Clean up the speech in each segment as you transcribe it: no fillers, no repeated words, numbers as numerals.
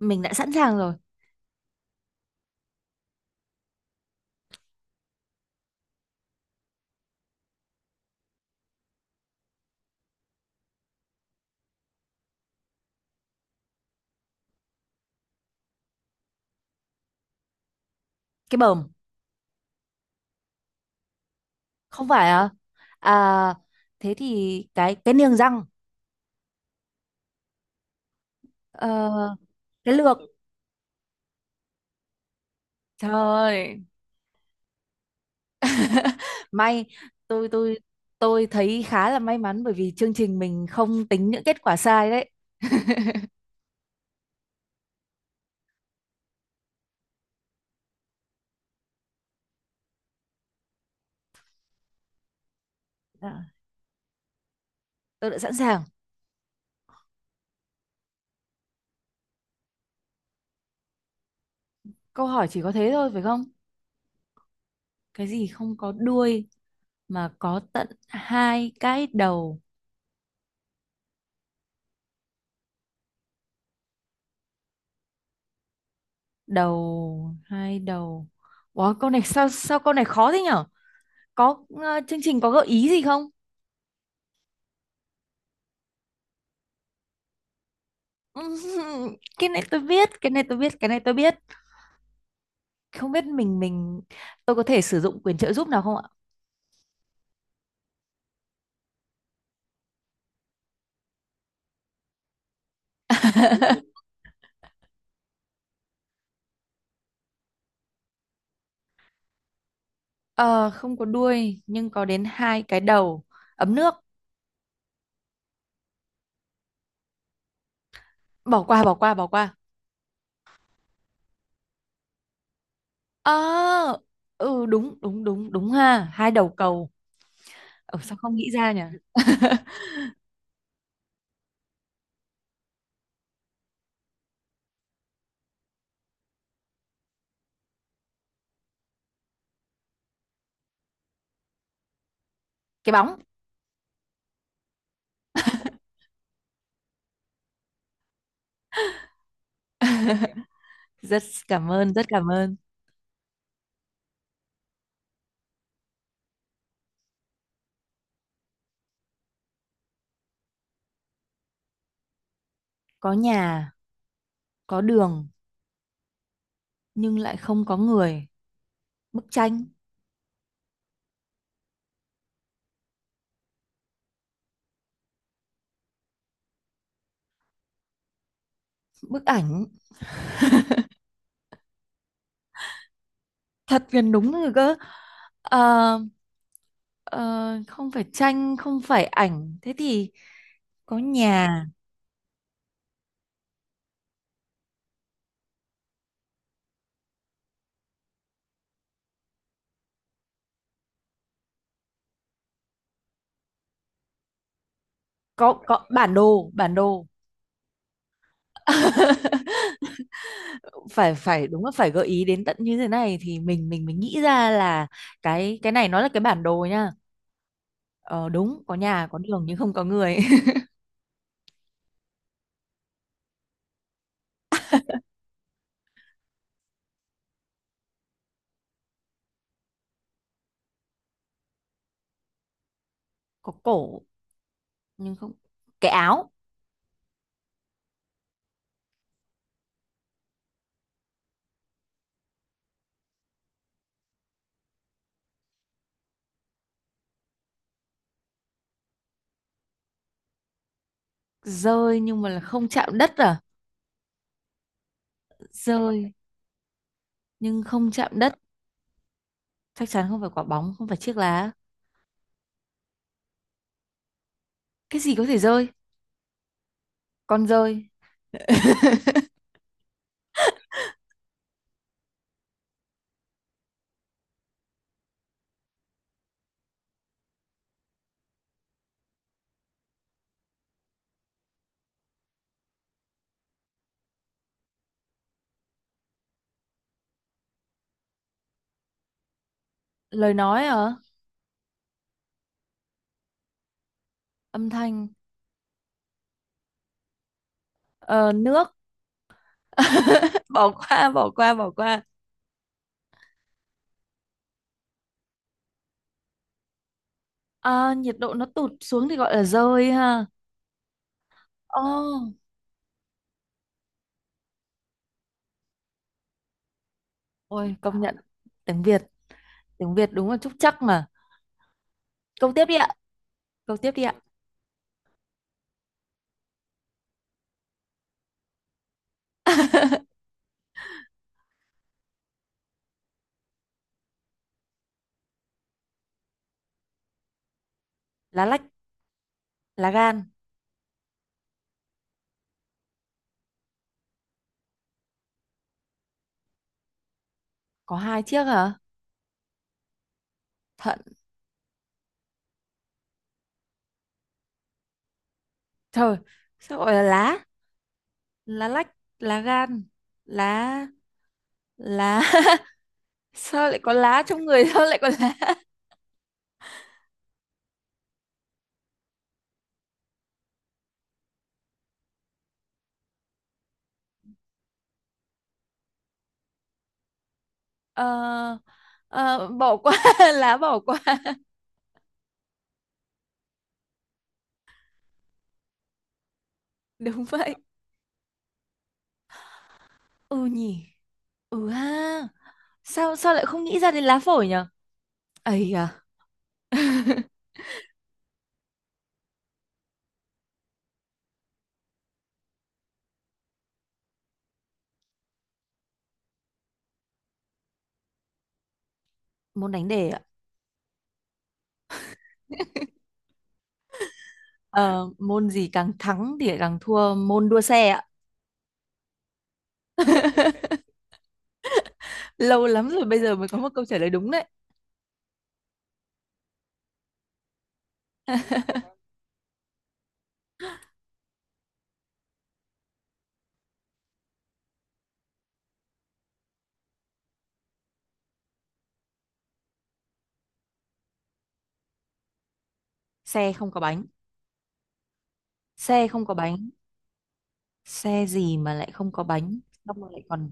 Mình đã sẵn sàng rồi. Cái bờm. Không phải à? À, thế thì cái niềng răng. ờ, cái lược. Trời ơi. May. Tôi tôi tôi thấy khá là may mắn bởi vì chương trình mình không tính những kết quả sai đấy. Dạ, tôi đã sẵn sàng. Câu hỏi chỉ có thế thôi phải không? Cái gì không có đuôi mà có tận hai cái đầu? Đầu, hai đầu. Wow, câu này sao sao câu này khó thế nhở. Có chương trình có gợi ý gì không? Ừm, cái này tôi biết, cái này tôi biết, cái này tôi biết. Không biết mình. Tôi có thể sử dụng quyền trợ giúp nào không ạ? Ờ, Không có đuôi nhưng có đến hai cái đầu. Ấm nước. Bỏ qua, bỏ qua, bỏ qua. Ờ, ừ, đúng đúng đúng đúng, ha, hai đầu cầu. Sao không nghĩ ra nhỉ. Cái bóng. Rất cảm ơn, rất cảm ơn. Có nhà, có đường nhưng lại không có người. Bức tranh. Bức ảnh. Thật gần đúng rồi cơ. Ờ, ờ, Không phải tranh, không phải ảnh, thế thì có nhà. Có bản đồ, bản đồ. Phải phải, đúng là phải gợi ý đến tận như thế này thì mình nghĩ ra là cái này nó là cái bản đồ nha. Ờ, Đúng, có nhà có đường nhưng không có người. Có cổ nhưng không. Cái áo. Rơi nhưng mà là không chạm đất à? Rơi nhưng không chạm đất. Chắc chắn không phải quả bóng, không phải chiếc lá. Cái gì có thể rơi? Con dơi. Lời nói hả? Âm thanh. Ờ, Nước. Bỏ qua, bỏ qua, bỏ qua. À, nhiệt độ nó tụt xuống thì gọi là dơi ha. Ồ, ôi, công nhận tiếng Việt, tiếng Việt đúng là trúc trắc mà. Câu tiếp đi ạ. Câu tiếp đi ạ. Lá lách, lá gan. Có hai chiếc hả? Thận. Trời, sao gọi là lá? Lá lách, lá gan, lá, lá. Sao lại có lá trong người, sao lại có lá? Ờ, Bỏ qua. Lá, bỏ qua. Đúng vậy. Ừ nhỉ. Ừ ha. Sao sao lại không nghĩ ra đến lá phổi nhở? Ấy à. Môn đánh đề ạ. Ờ, Môn gì càng thắng thì lại càng thua, môn đua xe ạ. Lâu lắm rồi bây giờ mới có một câu trả lời đúng đấy. Xe không có bánh. Xe không có bánh. Xe gì mà lại không có bánh? Xong rồi lại còn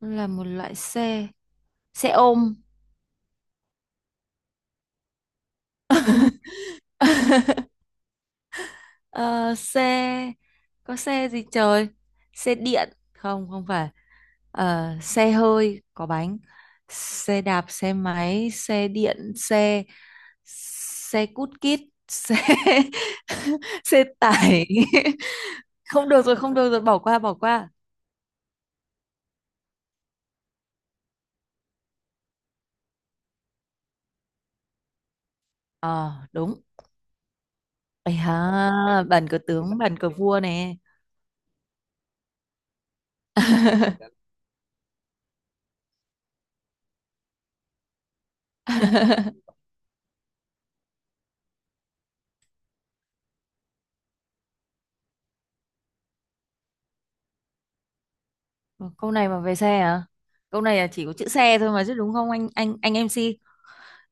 là một loại xe. Xe ôm. Ờ, Xe, có xe gì trời? Xe điện. Không, không phải. Ờ, xe hơi có bánh, xe đạp, xe máy, xe điện, xe, xe cút kít, xe. Xe tải. Không được rồi, không được rồi, bỏ qua, bỏ qua. Ờ, đúng. Ây ha, bàn cờ tướng, bàn cờ vua nè. Câu này mà về xe à? Câu này là chỉ có chữ xe thôi mà chứ đúng không anh MC?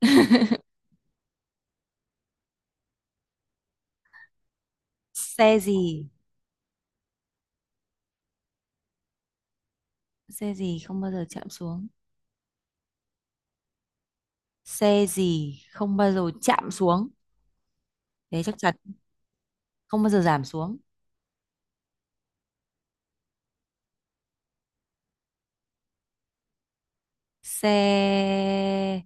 Xe gì? Xe gì không bao giờ chạm xuống? Xe gì không bao giờ chạm xuống? Thế chắc chắn không bao giờ giảm xuống. Xe,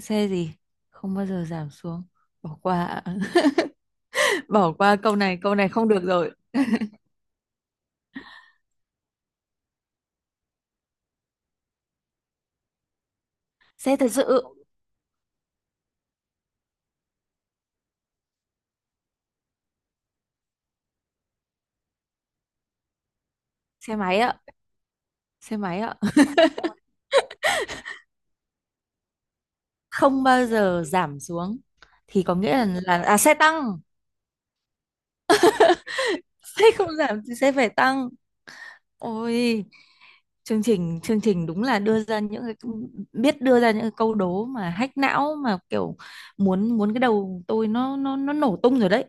xe gì không bao giờ giảm xuống? Bỏ qua ạ. Bỏ qua câu này, câu này không được rồi. Xe thật sự. Xe máy ạ. Xe máy ạ. Không bao giờ giảm xuống, thì có nghĩa là, à, xe tăng. Xe không giảm thì xe phải tăng. Ôi, chương trình, chương trình đúng là đưa ra những cái biết đưa ra những cái câu đố mà hack não mà kiểu muốn muốn cái đầu tôi nó nổ tung rồi đấy.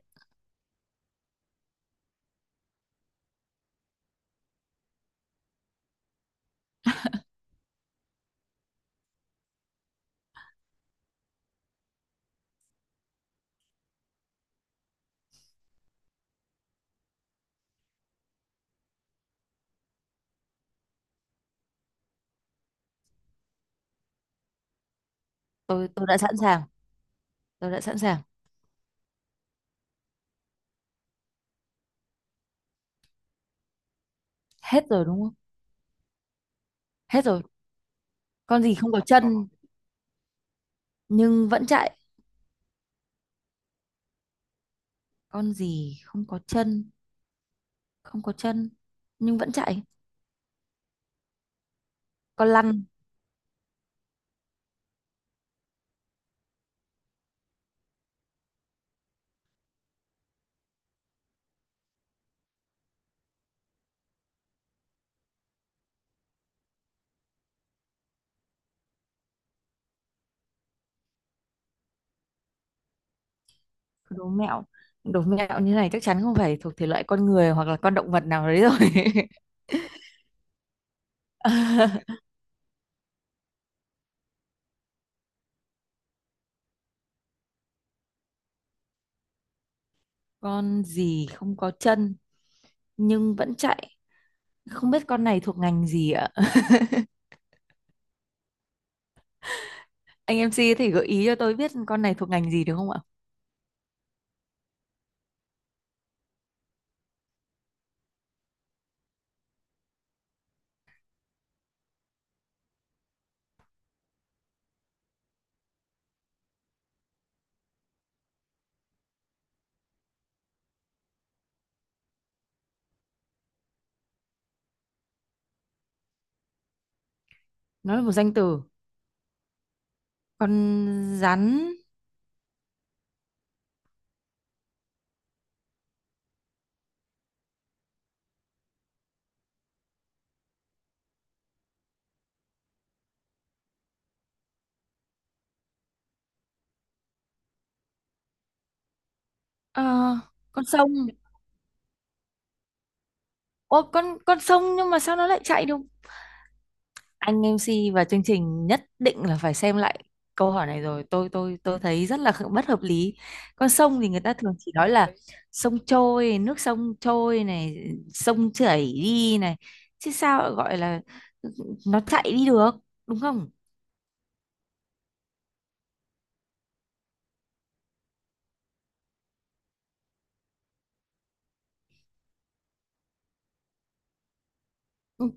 Tôi đã sẵn sàng. Tôi đã sẵn sàng. Hết rồi đúng không? Hết rồi. Con gì không có chân nhưng vẫn chạy? Con gì không có chân, không có chân nhưng vẫn chạy? Con lăn. Con đố mẹo. Đố mẹo như này chắc chắn không phải thuộc thể loại con người hoặc là con động vật nào đấy rồi. Con gì không có chân nhưng vẫn chạy? Không biết con này thuộc ngành gì ạ? Anh em MC có thể gợi ý cho tôi biết con này thuộc ngành gì được không ạ? Nó là một danh từ. Con rắn. ờ, con sông. Ô, con sông nhưng mà sao nó lại chạy được? Anh em MC và chương trình nhất định là phải xem lại câu hỏi này rồi. Tôi thấy rất là bất hợp lý. Con sông thì người ta thường chỉ nói là sông trôi, nước sông trôi này, sông chảy đi này, chứ sao lại gọi là nó chạy đi được, đúng không?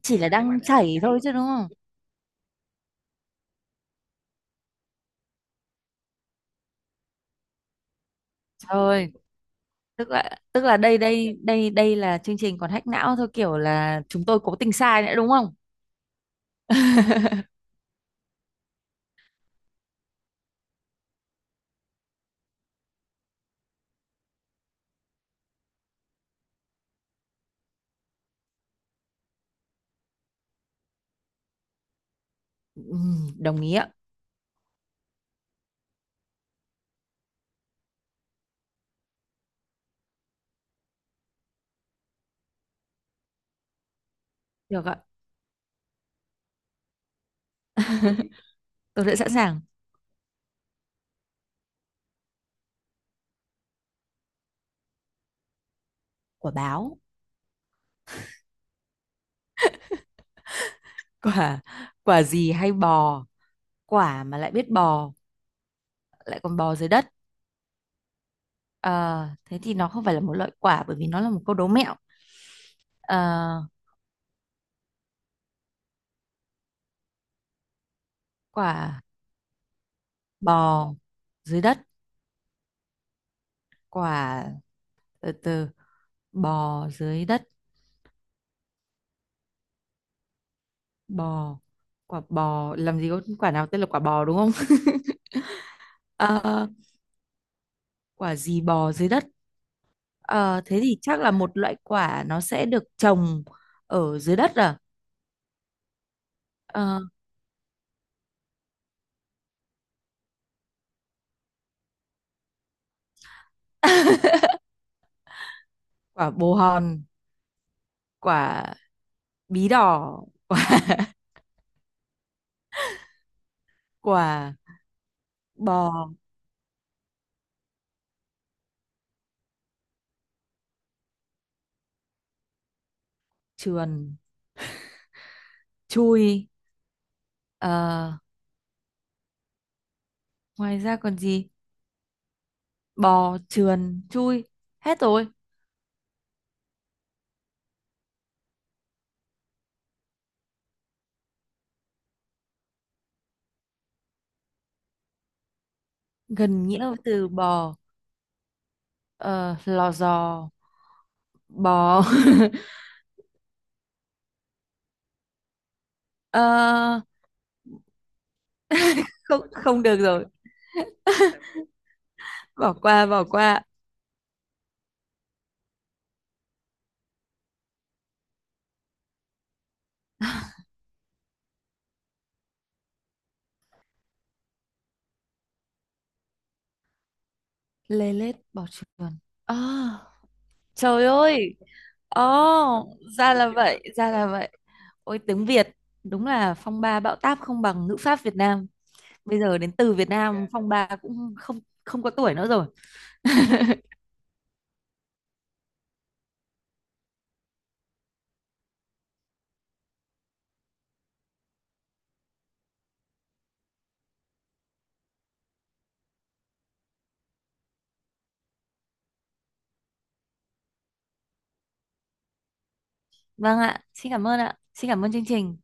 Chỉ là đang chảy thôi chứ đúng không? Trời, tức là, tức là đây đây đây đây là chương trình còn hack não thôi, kiểu là chúng tôi cố tình sai nữa đúng không? Ừ, đồng ý ạ. Được ạ, tôi đã sẵn sàng. Quả báo. Quả, quả gì hay bò? Quả mà lại biết bò, lại còn bò dưới đất. Ờ, thế thì nó không phải là một loại quả bởi vì nó là một câu đố mẹo. Ờ, Quả, bò dưới đất, quả, từ từ, bò dưới đất, bò, quả bò, làm gì có quả nào tên là quả bò đúng không? Ờ, quả gì bò dưới đất? Ờ, thế thì chắc là một loại quả nó sẽ được trồng ở dưới đất à? Ờ. Quả bồ hòn, quả bí đỏ, quả, bò, trườn, chui. Ờ, ngoài ra còn gì? Bò, trườn, chui, hết rồi. Gần nghĩa với từ bò. Ờ, lò giò, bò. Ờ, không, không được rồi, bỏ qua, bỏ qua. Lê lết, bò, trườn. À, trời ơi. Oh, ra là vậy, ra là vậy. Ôi, tiếng Việt đúng là phong ba bão táp không bằng ngữ pháp Việt Nam. Bây giờ đến từ Việt Nam. Ok. Phong ba cũng không, không có tuổi nữa rồi. Vâng ạ, xin cảm ơn ạ, xin cảm ơn chương trình.